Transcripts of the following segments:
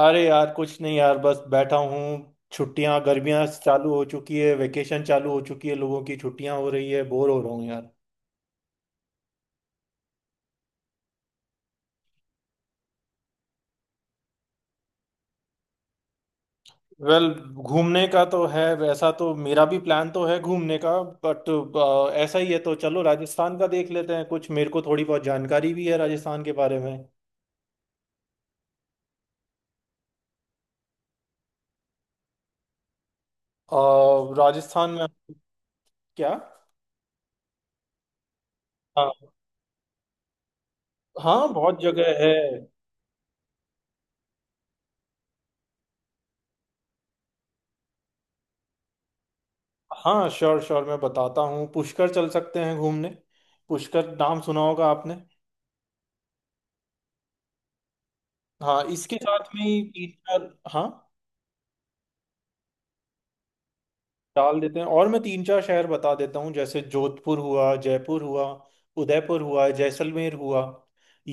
अरे यार कुछ नहीं यार, बस बैठा हूँ। छुट्टियां गर्मियां चालू हो चुकी है, वेकेशन चालू हो चुकी है, लोगों की छुट्टियां हो रही है, बोर हो रहा हूँ यार। वेल well, घूमने का तो है, वैसा तो मेरा भी प्लान तो है घूमने का। बट ऐसा ही है तो चलो राजस्थान का देख लेते हैं, कुछ मेरे को थोड़ी बहुत जानकारी भी है राजस्थान के बारे में। और राजस्थान में। क्या? हाँ। हाँ बहुत जगह है। हाँ श्योर श्योर, मैं बताता हूँ, पुष्कर चल सकते हैं घूमने। पुष्कर नाम सुना होगा आपने? हाँ, इसके साथ में ही, तीन चार। हाँ, डाल देते हैं, और मैं तीन चार शहर बता देता हूँ, जैसे जोधपुर हुआ, जयपुर हुआ, उदयपुर हुआ, जैसलमेर हुआ।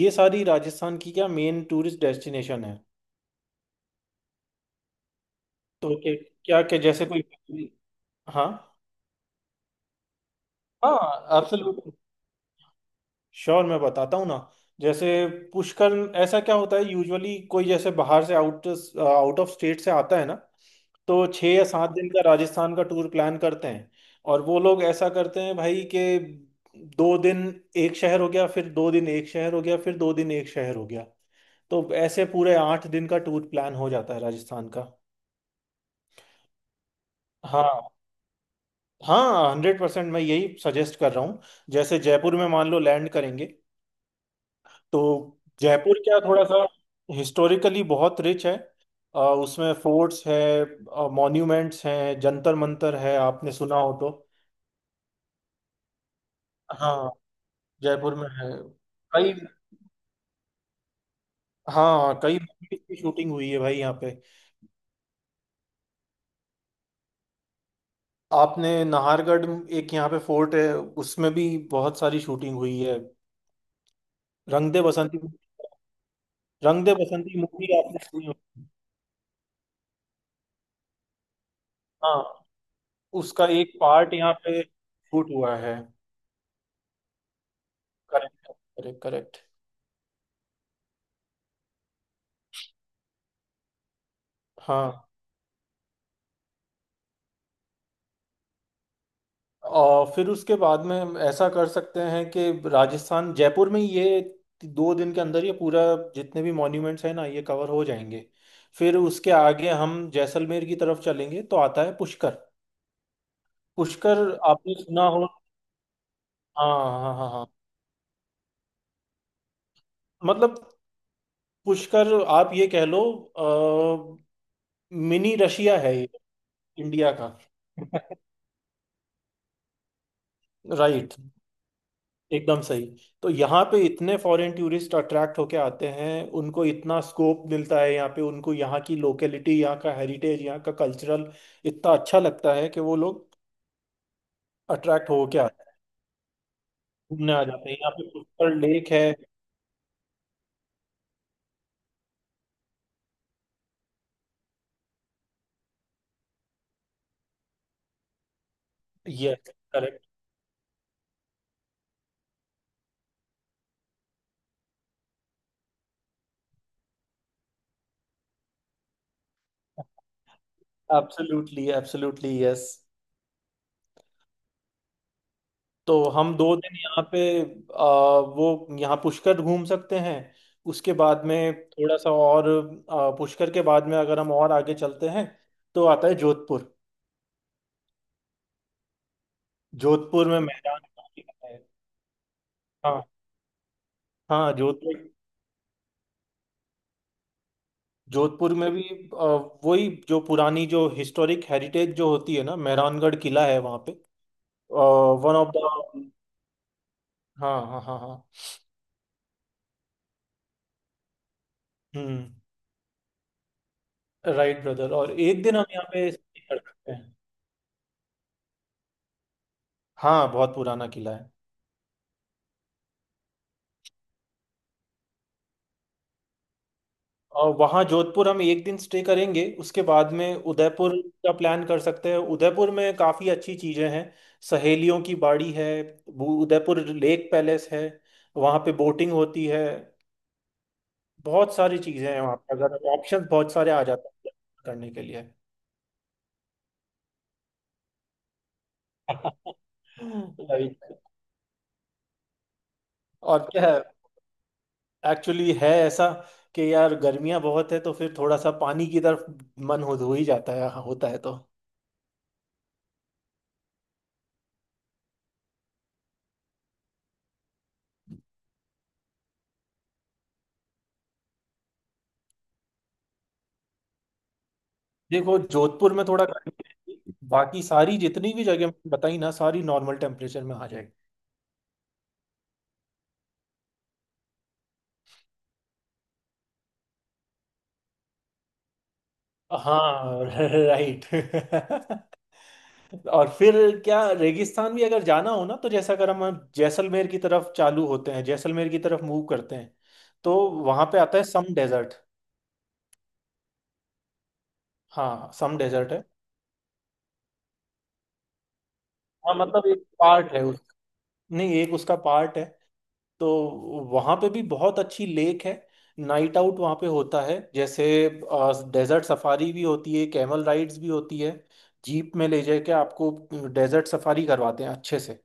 ये सारी राजस्थान की क्या मेन टूरिस्ट डेस्टिनेशन है। तो क्या क्या क्या- जैसे कोई, हाँ हाँ एब्सोल्युट श्योर, मैं बताता हूँ ना, जैसे पुष्कर। ऐसा क्या होता है, यूजुअली कोई जैसे बाहर से आउट आउट ऑफ स्टेट से आता है ना, तो 6 या 7 दिन का राजस्थान का टूर प्लान करते हैं। और वो लोग ऐसा करते हैं भाई कि 2 दिन एक शहर हो गया, फिर 2 दिन एक शहर हो गया, फिर दो दिन एक शहर हो गया। तो ऐसे पूरे 8 दिन का टूर प्लान हो जाता है राजस्थान का। हाँ हाँ 100%, मैं यही सजेस्ट कर रहा हूँ। जैसे जयपुर में मान लो लैंड करेंगे, तो जयपुर क्या, थोड़ा सा हिस्टोरिकली बहुत रिच है। उसमें फोर्ट्स है, मॉन्यूमेंट्स हैं, जंतर मंतर है, आपने सुना हो तो। हाँ जयपुर में है। कई। हाँ कई movies की शूटिंग हुई है भाई यहाँ पे। आपने नाहरगढ़, एक यहाँ पे फोर्ट है, उसमें भी बहुत सारी शूटिंग हुई है। रंग दे बसंती। रंग दे बसंती मूवी आपने सुनी होगी। हाँ, उसका एक पार्ट यहाँ पे शूट हुआ है। Correct, correct correct. हाँ, और फिर उसके बाद में ऐसा कर सकते हैं कि राजस्थान जयपुर में ये 2 दिन के अंदर ये पूरा जितने भी मॉन्यूमेंट्स हैं ना ये कवर हो जाएंगे। फिर उसके आगे हम जैसलमेर की तरफ चलेंगे तो आता है पुष्कर। पुष्कर, आपने सुना हो? हाँ हाँ हाँ हाँ। मतलब पुष्कर आप ये कह लो, मिनी रशिया है ये, इंडिया का। राइट, एकदम सही। तो यहाँ पे इतने फॉरेन टूरिस्ट अट्रैक्ट होके आते हैं, उनको इतना स्कोप मिलता है यहाँ पे, उनको यहाँ की लोकेलिटी, यहाँ का हेरिटेज, यहाँ का कल्चरल इतना अच्छा लगता है कि वो लोग अट्रैक्ट होके आते हैं, घूमने आ जाते हैं, यहाँ पे पुष्कर लेक है। Yes, correct. Absolutely absolutely yes. तो हम 2 दिन यहाँ पे, आ, वो यहाँ पुष्कर घूम सकते हैं। उसके बाद में थोड़ा सा और, पुष्कर के बाद में अगर हम और आगे चलते हैं, तो आता है जोधपुर। जोधपुर में मैदान काफी है। हाँ हाँ जोधपुर। जोधपुर में भी अ, वही जो पुरानी जो हिस्टोरिक हेरिटेज जो होती है ना, मेहरानगढ़ किला है वहाँ पे। One of the. हाँ हाँ हाँ हाँ। हम्म, राइट ब्रदर, और एक दिन हम यहाँ पे stay कर सकते हैं। हाँ बहुत पुराना किला है। और वहाँ जोधपुर हम एक दिन स्टे करेंगे, उसके बाद में उदयपुर का प्लान कर सकते हैं। उदयपुर में काफ़ी अच्छी चीज़ें हैं, सहेलियों की बाड़ी है, वो उदयपुर लेक पैलेस है, वहाँ पे बोटिंग होती है। बहुत सारी चीज़ें हैं वहाँ पे, अगर ऑप्शन बहुत सारे आ जाते हैं। करने के लिए। Right। और क्या है एक्चुअली, है ऐसा कि यार गर्मियाँ बहुत है तो फिर थोड़ा सा पानी की तरफ मन हो ही जाता है, होता है तो। देखो जोधपुर में थोड़ा गर्मी रहेगी, बाकी सारी जितनी भी जगह मैंने बताई ना, सारी नॉर्मल टेम्परेचर में आ जाएगी। हाँ, राइट। और फिर क्या, रेगिस्तान भी अगर जाना हो ना तो जैसे, अगर हम जैसलमेर की तरफ चालू होते हैं, जैसलमेर की तरफ मूव करते हैं, तो वहां पे आता है सम डेजर्ट। हाँ सम डेजर्ट है। हाँ मतलब एक पार्ट है उस, नहीं एक उसका पार्ट है। तो वहाँ पे भी बहुत अच्छी लेक है, नाइट आउट वहाँ पे होता है, जैसे डेजर्ट सफारी भी होती है, कैमल राइड्स भी होती है, जीप में ले जाके आपको डेजर्ट सफारी करवाते हैं अच्छे से।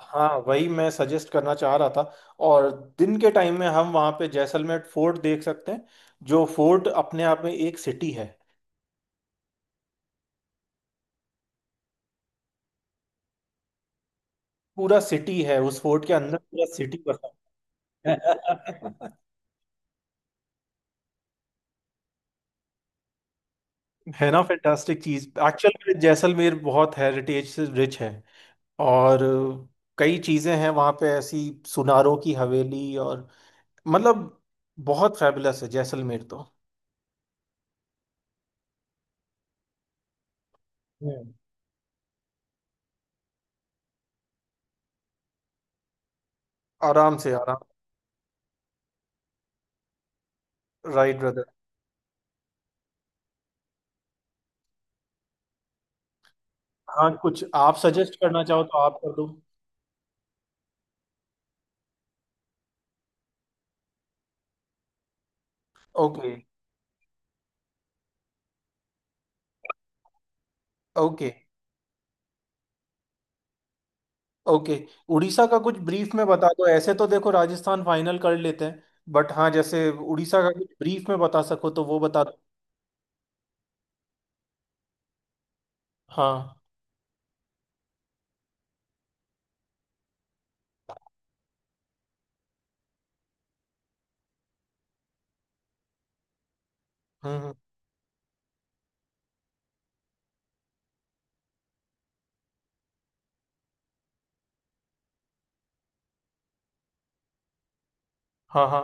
हाँ वही मैं सजेस्ट करना चाह रहा था। और दिन के टाइम में हम वहाँ पे जैसलमेर फोर्ट देख सकते हैं, जो फोर्ट अपने आप में एक सिटी है। पूरा सिटी है, उस फोर्ट के अंदर पूरा सिटी बसा है। है ना, फैंटास्टिक चीज, एक्चुअल में जैसलमेर बहुत हेरिटेज से रिच है, और कई चीजें हैं वहां पे ऐसी, सुनारों की हवेली, और मतलब बहुत फैबुलस है जैसलमेर तो। हम्म। आराम से, आराम। Right brother. हाँ, कुछ आप सजेस्ट करना चाहो तो आप कर दो। ओके। ओके। ओके। उड़ीसा का कुछ ब्रीफ में बता दो, ऐसे तो देखो राजस्थान फाइनल कर लेते हैं, बट हाँ, जैसे उड़ीसा का कुछ ब्रीफ में बता सको तो वो बता दो। हाँ। हम्म। हाँ हाँ,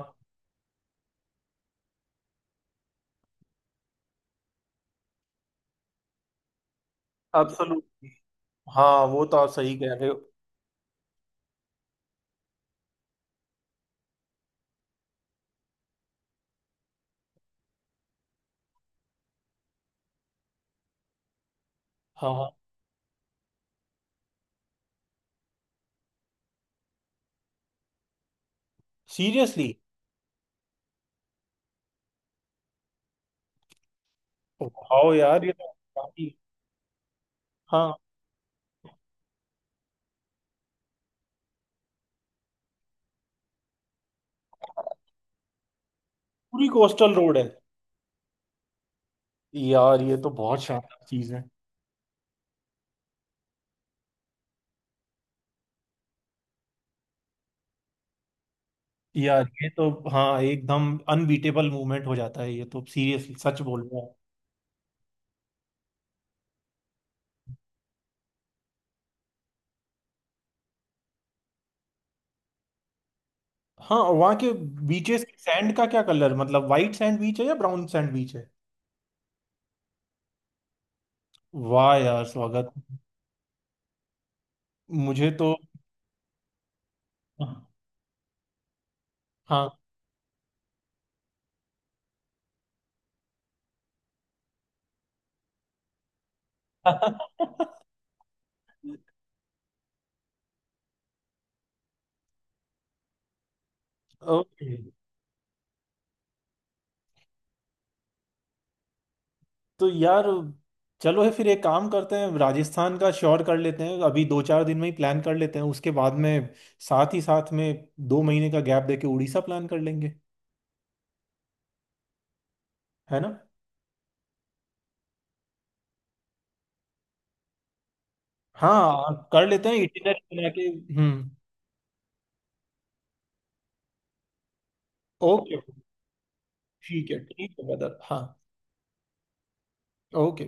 एब्सोल्युटली, हाँ वो तो आप सही कह रहे हो। हाँ हाँ। सीरियसली। वाओ यार, ये तो काफी, हाँ। पूरी कोस्टल रोड है। यार ये तो बहुत शानदार चीज है। यार ये तो हाँ एकदम अनबीटेबल मूवमेंट हो जाता है ये तो, सीरियसली, सच बोल रहे हो। हाँ। और वहाँ के बीचेस की सैंड का क्या कलर, मतलब वाइट सैंड बीच है या ब्राउन सैंड बीच है? वाह यार स्वागत। मुझे तो हाँ। ओके। तो यार चलो, है फिर एक काम करते हैं, राजस्थान का श्योर कर लेते हैं अभी, 2-4 दिन में ही प्लान कर लेते हैं, उसके बाद में साथ ही साथ में 2 महीने का गैप देके उड़ीसा प्लान कर लेंगे। है ना? हाँ कर लेते हैं, इटिनरी बना के। हम्म। ओके। ठीक है, ठीक है ब्रदर, हाँ। ओके।